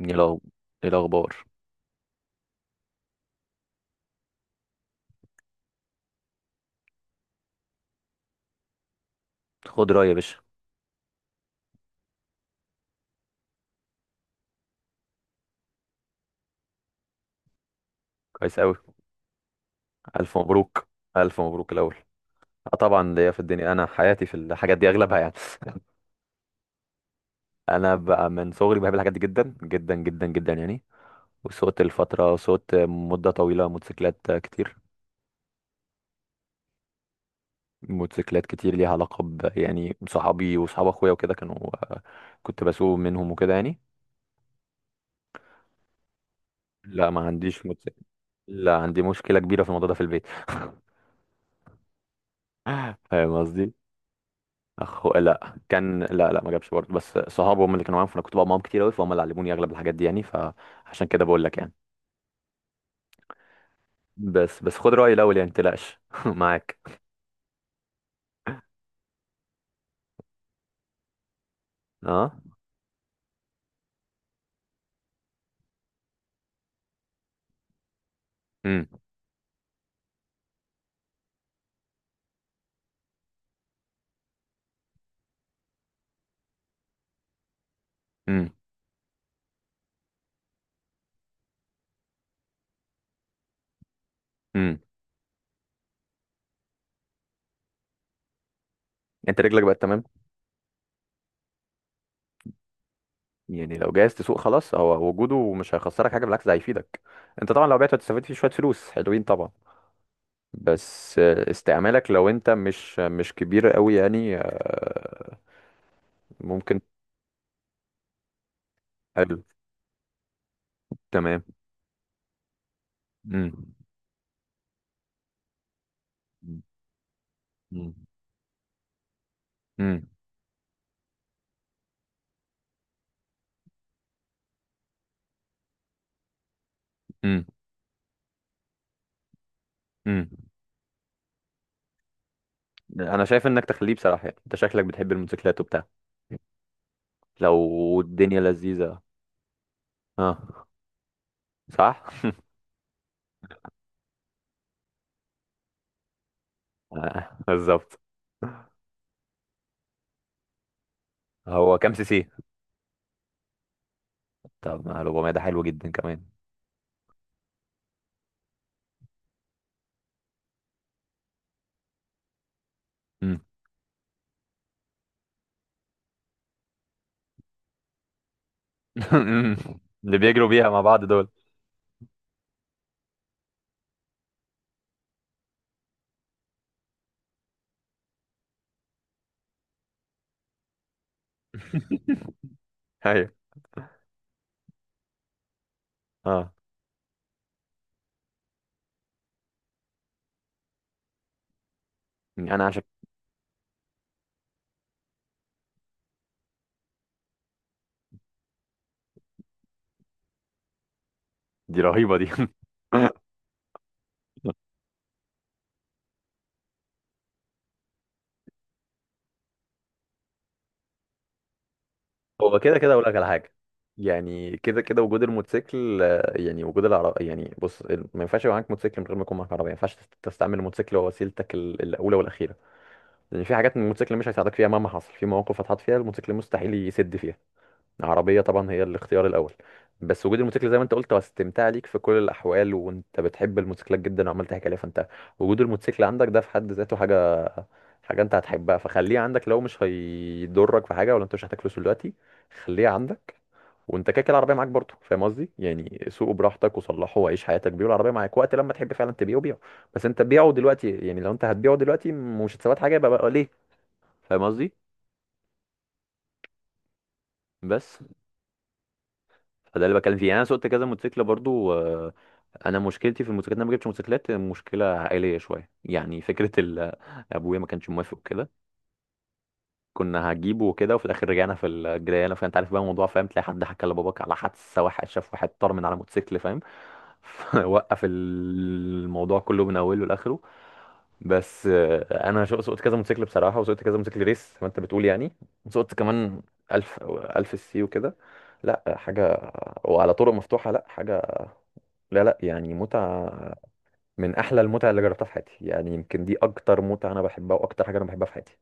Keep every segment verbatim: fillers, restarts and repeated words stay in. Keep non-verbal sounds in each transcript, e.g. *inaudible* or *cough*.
ايه الأخ- إيه الاخبار؟ خد رأيي يا باشا. كويس قوي. الف مبروك. الف مبروك الاول. آه، طبعا ليا في الدنيا، انا حياتي في الحاجات دي اغلبها يعني. *laughs* انا بقى من صغري بحب الحاجات دي جدا جدا جدا جدا يعني. وسوقت الفتره سوقت مده طويله موتوسيكلات كتير، موتوسيكلات كتير ليها علاقه ب يعني صحابي وصحاب اخويا وكده كانوا، آه، كنت بسوق منهم وكده يعني. لا، ما عنديش موتوسيكل. لا، عندي مشكله كبيره في الموضوع ده في البيت. *laughs* فاهم قصدي؟ اخو، لا، كان لا لا ما جابش برضه، بس صحابه هم اللي كانوا معاهم، فانا كنت بقى معاهم كتير قوي، فهم اللي علموني اغلب الحاجات دي يعني، فعشان كده بقول لك يعني. بس بس خد رايي الاول يعني، ما تقلقش *laughs* معاك. اه. امم. امم. امم. انت رجلك بقت تمام؟ يعني لو جاهز تسوق خلاص، هو وجوده مش هيخسرك حاجه، بالعكس ده هيفيدك. انت طبعا لو بعت هتستفيد فيه شويه فلوس حلوين طبعا. بس آه، استعمالك، لو انت مش مش كبير قوي يعني آه، ممكن. حلو. تمام. امم. امم. امم. امم. انا شايف انك تخليه بصراحه يعني، انت شكلك بتحب الموتوسيكلات وبتاع، لو الدنيا لذيذه. اه. صح. آه، بالظبط. هو كام سي سي؟ طب ما اربعمية ده حلو جدا كمان. مم. *laughs* اللي بيجروا بيها مع بعض دول. *laughs* ايوه. اه يعني انا عشان. دي رهيبه دي. *laughs* هو كده كده اقول لك على حاجه. يعني كده كده وجود الموتوسيكل، آه، يعني وجود العربية، يعني بص، ال- ما ينفعش يبقى معاك موتوسيكل من غير ما يكون معاك عربية، ما ينفعش تست- تستعمل الموتوسيكل هو وسيلتك ال- الأولى والأخيرة. لان في حاجات الموتوسيكل مش هيساعدك فيها مهما حصل، في مواقف هتحط فيها الموتوسيكل مستحيل يسد فيها. العربيه طبعا هي الاختيار الاول. بس وجود الموتوسيكل زي ما انت قلت هو استمتاع ليك في كل الاحوال، وانت بتحب الموتوسيكلات جدا وعمال تحكي عليها، فانت وجود الموتوسيكل عندك ده في حد ذاته حاجه، حاجه انت هتحبها، فخليه عندك لو مش هيضرك في حاجه ولا انت مش محتاج فلوس دلوقتي. خليه عندك. وانت كده كده العربيه معاك برضه، فاهم قصدي؟ يعني سوقه براحتك وصلحه وعيش حياتك بيه، والعربيه معاك وقت لما تحب فعلا تبيعه، بيعه. بس انت بيعه دلوقتي يعني، لو انت هتبيعه دلوقتي مش هتثبت حاجه، يبقى ليه؟ فاهم قصدي؟ بس، فده اللي بتكلم فيه يعني، انا سوقت كذا موتوسيكل برضو آه، انا مشكلتي في الموتوسيكلات، إن انا ما جبتش موتوسيكلات، مشكله عائليه شويه يعني، فكره ال... *laughs* ابويا ما كانش موافق كده. كنا هجيبه وكده، وفي الاخر رجعنا في الجريانه، فانت عارف بقى الموضوع، فاهم؟ تلاقي حد حكى لباباك على حادثه، واحد شاف واحد طار من على موتوسيكل، فاهم؟ *laughs* وقف الموضوع كله من اوله لاخره. بس آه، انا شو- سوقت كذا موتوسيكل بصراحه، وسوقت كذا موتوسيكل ريس زي ما انت بتقول يعني. وسوقت كمان 1000 الف السي وكده. لا حاجه. وعلى طرق مفتوحه لا حاجه. لا لا، يعني متعه. من احلى المتع اللي جربتها في حياتي يعني، يمكن دي اكتر متعه انا بحبها واكتر حاجه انا بحبها في حياتي.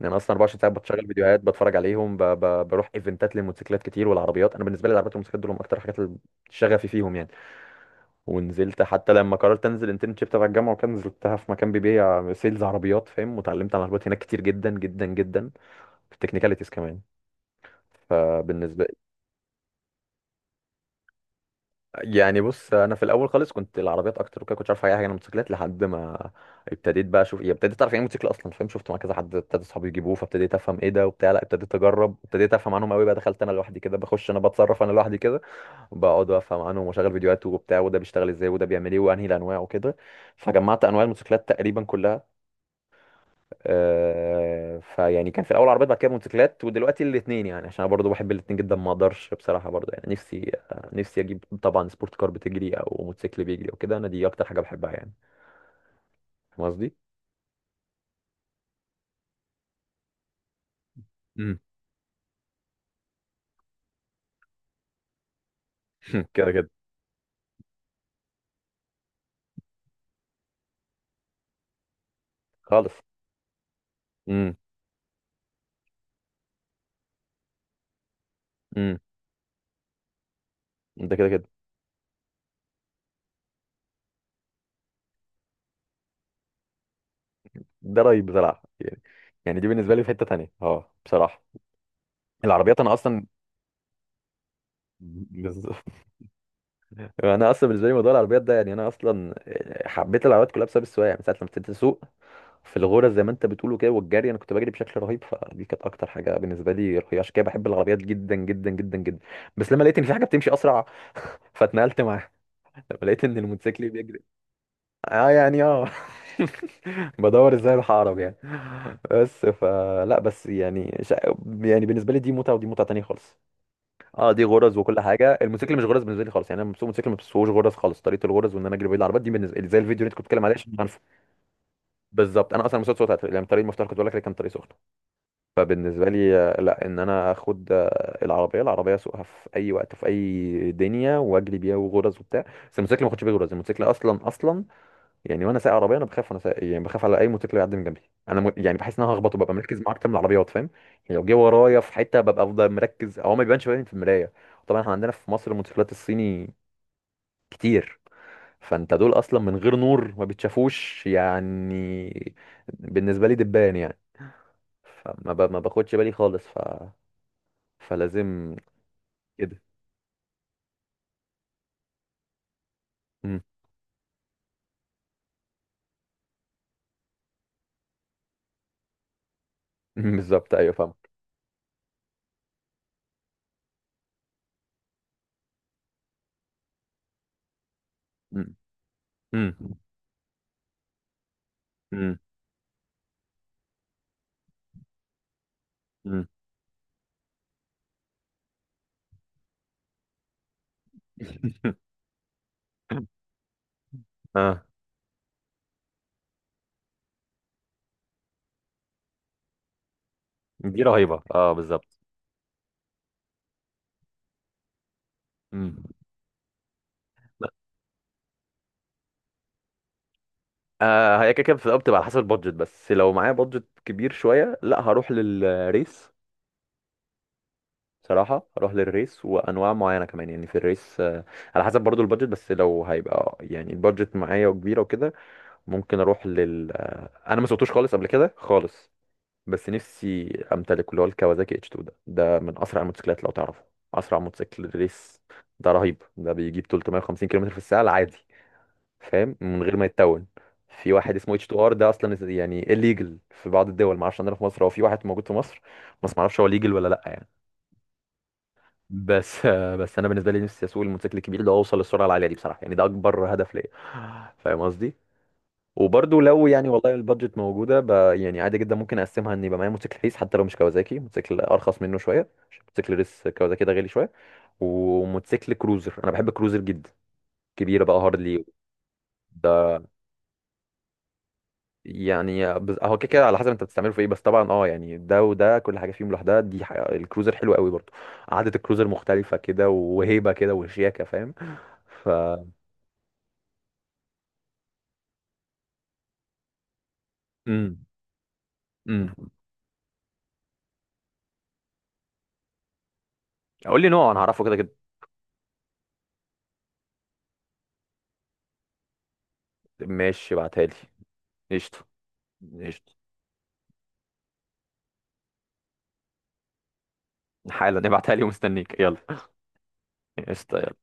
لان انا اصلا اربعة وعشرين ساعه بتشغل فيديوهات بتفرج عليهم، ب... ب... بروح ايفنتات للموتوسيكلات كتير. والعربيات، انا بالنسبه لي العربيات والموتوسيكلات دول هم اكتر حاجات اللي شغفي فيهم يعني. ونزلت حتى لما قررت انزل انترنشيب تبع الجامعه، وكان نزلتها في مكان بيبيع سيلز عربيات، فاهم؟ وتعلمت عن العربيات هناك كتير جدا جدا جدا. في التكنيكاليتيز كمان. فبالنسبه. يعني بص، انا في الاول خالص كنت العربيات اكتر وكده، كنتش عارف اي حاجه عن الموتوسيكلات لحد ما ابتديت بقى اشوف، يعني ابتديت اعرف يعني ايه موتوسيكل اصلا، فاهم؟ شفت مع كذا حد، ابتدى اصحابي يجيبوه، فابتديت افهم ايه ده وبتاع، لا ابتديت اجرب، ابتديت افهم عنهم قوي بقى، دخلت انا لوحدي كده بخش، انا بتصرف انا لوحدي كده. بقعد افهم عنهم واشغل فيديوهات وبتاع، وده بيشتغل ازاي وده بيعمل ايه وانهي الانواع وكده. فجمعت انواع الموتوسيكلات تقريبا كلها. آه، فيعني كان في الاول عربيات، بعد كده موتوسيكلات، ودلوقتي الاثنين يعني، عشان انا برضو بحب الاثنين جدا ما اقدرش بصراحه برضو يعني، نفسي، آه، نفسي اجيب طبعا سبورت كار بتجري او موتوسيكل بيجري او كده، انا دي اكتر حاجه بحبها يعني. فاهم قصدي؟ امم. *laughs* كده كده خالص. امم. امم. ده كده كده، ده رايي بصراحه يعني. يعني دي بالنسبه لي في حته تانيه، اه بصراحه. العربيات انا اصلا، بالظبط. *laughs* انا اصلا بالنسبه لي موضوع العربيات ده يعني، انا اصلا حبيت العربيات كلها بسبب السواقه يعني، من ساعه لما ابتديت اسوق. في الغرز زي ما انت بتقوله كده، والجري، انا كنت بجري بشكل رهيب، فدي كانت اكتر حاجه بالنسبه لي رهيبه، عشان كده بحب العربيات جدا جدا جدا جدا. بس لما لقيت ان في حاجه بتمشي اسرع، *laughs* فاتنقلت معاها. لما لقيت ان الموتوسيكل بيجري، اه يعني اه. *laughs* بدور ازاي اروح اهرب يعني. بس فلا، بس يعني شا... يعني بالنسبه لي، دي متعه ودي متعه تانية خالص. اه، دي غرز وكل حاجه، الموتوسيكل مش غرز بالنسبه لي خالص يعني، انا بسوق موتوسيكل ما بسوقش غرز خالص، طريقه الغرز وان انا اجري بعيد عن العربيات دي بالنسبه لي زي الفيديو اللي انت كنت بتتكلم عليه عشان عارفه. بالظبط انا اصلا مسوق صوت يعني، طريق المفتاح كنت بقول لك كان طريق سخن. فبالنسبة لي آه، لا، ان انا اخد آه، العربية، العربية اسوقها في اي وقت في اي دنيا، واجري بيها وغرز وبتاع، بس الموتوسيكل ما اخدش بيه غرز، الموتوسيكل اصلا اصلا. يعني وانا سايق عربية انا بخاف، وانا سايق يعني بخاف على اي موتوسيكل يعدي من جنبي. انا م... يعني بحس ان انا هخبطه، ببقى مركز مع اكتر من العربيات، فاهم؟ يعني لو جه ورايا في حتة ببقى افضل مركز او ما بيبانش باين في المراية. طبعا احنا عندنا في مصر الموتوسيكلات الصيني كتير. فانت دول اصلا من غير نور ما بتشافوش يعني. بالنسبة لي دبان يعني. فما ب... ما باخدش بالي خالص ف. فلازم. كده. مم. *laughs* مم. بالظبط ايوه فاهم. مم. مم. مم. مم. *laughs* اه، دي رهيبه اه بالظبط. مم. لا، آه، هي كده كده في الأول بتبقى على حسب البادجت، بس لو معايا بادجت كبير شويه لا هروح للريس. صراحه هروح للريس وانواع معينه كمان يعني في الريس آه على حسب برضو البادجت، بس لو هيبقى يعني البادجت معايا وكبيره وكده. ممكن اروح لل آه انا ما سوقتوش خالص قبل كده خالص. بس نفسي امتلك اللي هو الكawasaki اتش اتنين، ده ده من اسرع الموتوسيكلات لو تعرفه. اسرع موتوسيكل ريس. ده رهيب، ده بيجيب تلتمية وخمسين كيلومتر في الساعه العادي، فاهم، من غير ما يتون. في واحد اسمه اتش اتنين ار، ده اصلا إز- يعني الليجل في بعض الدول ما اعرفش، عندنا في مصر هو في واحد موجود في مصر. بس ما اعرفش هو ليجل ولا لا يعني. بس *laughs* بس انا بالنسبه لي نفسي اسوق الموتوسيكل الكبير ده واوصل للسرعه العاليه دي بصراحه يعني، ده اكبر هدف ليا. فاهم قصدي؟ وبرضو لو يعني والله البادجت موجوده ب... يعني عادي جدا ممكن اقسمها، ان يبقى معايا موتوسيكل ريس حتى لو مش كوازاكي، موتوسيكل ارخص منه شويه، عشان موتوسيكل ريس كوازاكي ده غالي شويه. وموتوسيكل كروزر، انا بحب الكروزر جدا. كبيره بقى، هارلي. ده. يعني بز- هو كده كده على حسب انت بتستعمله في ايه، بس طبعا اه يعني، ده وده كل حاجه فيهم لوحدها، دي ح... الكروزر حلو قوي برضو. قعده الكروزر مختلفه كده، وهيبه كده وشياكه، فاهم؟ ف. امم. امم. قول لي نوع، انا هعرفه كده كده. ماشي، ابعتها لي. قشطه. قشطه. حالا نبعتها لي ومستنيك، يلا. قشطة، يلا.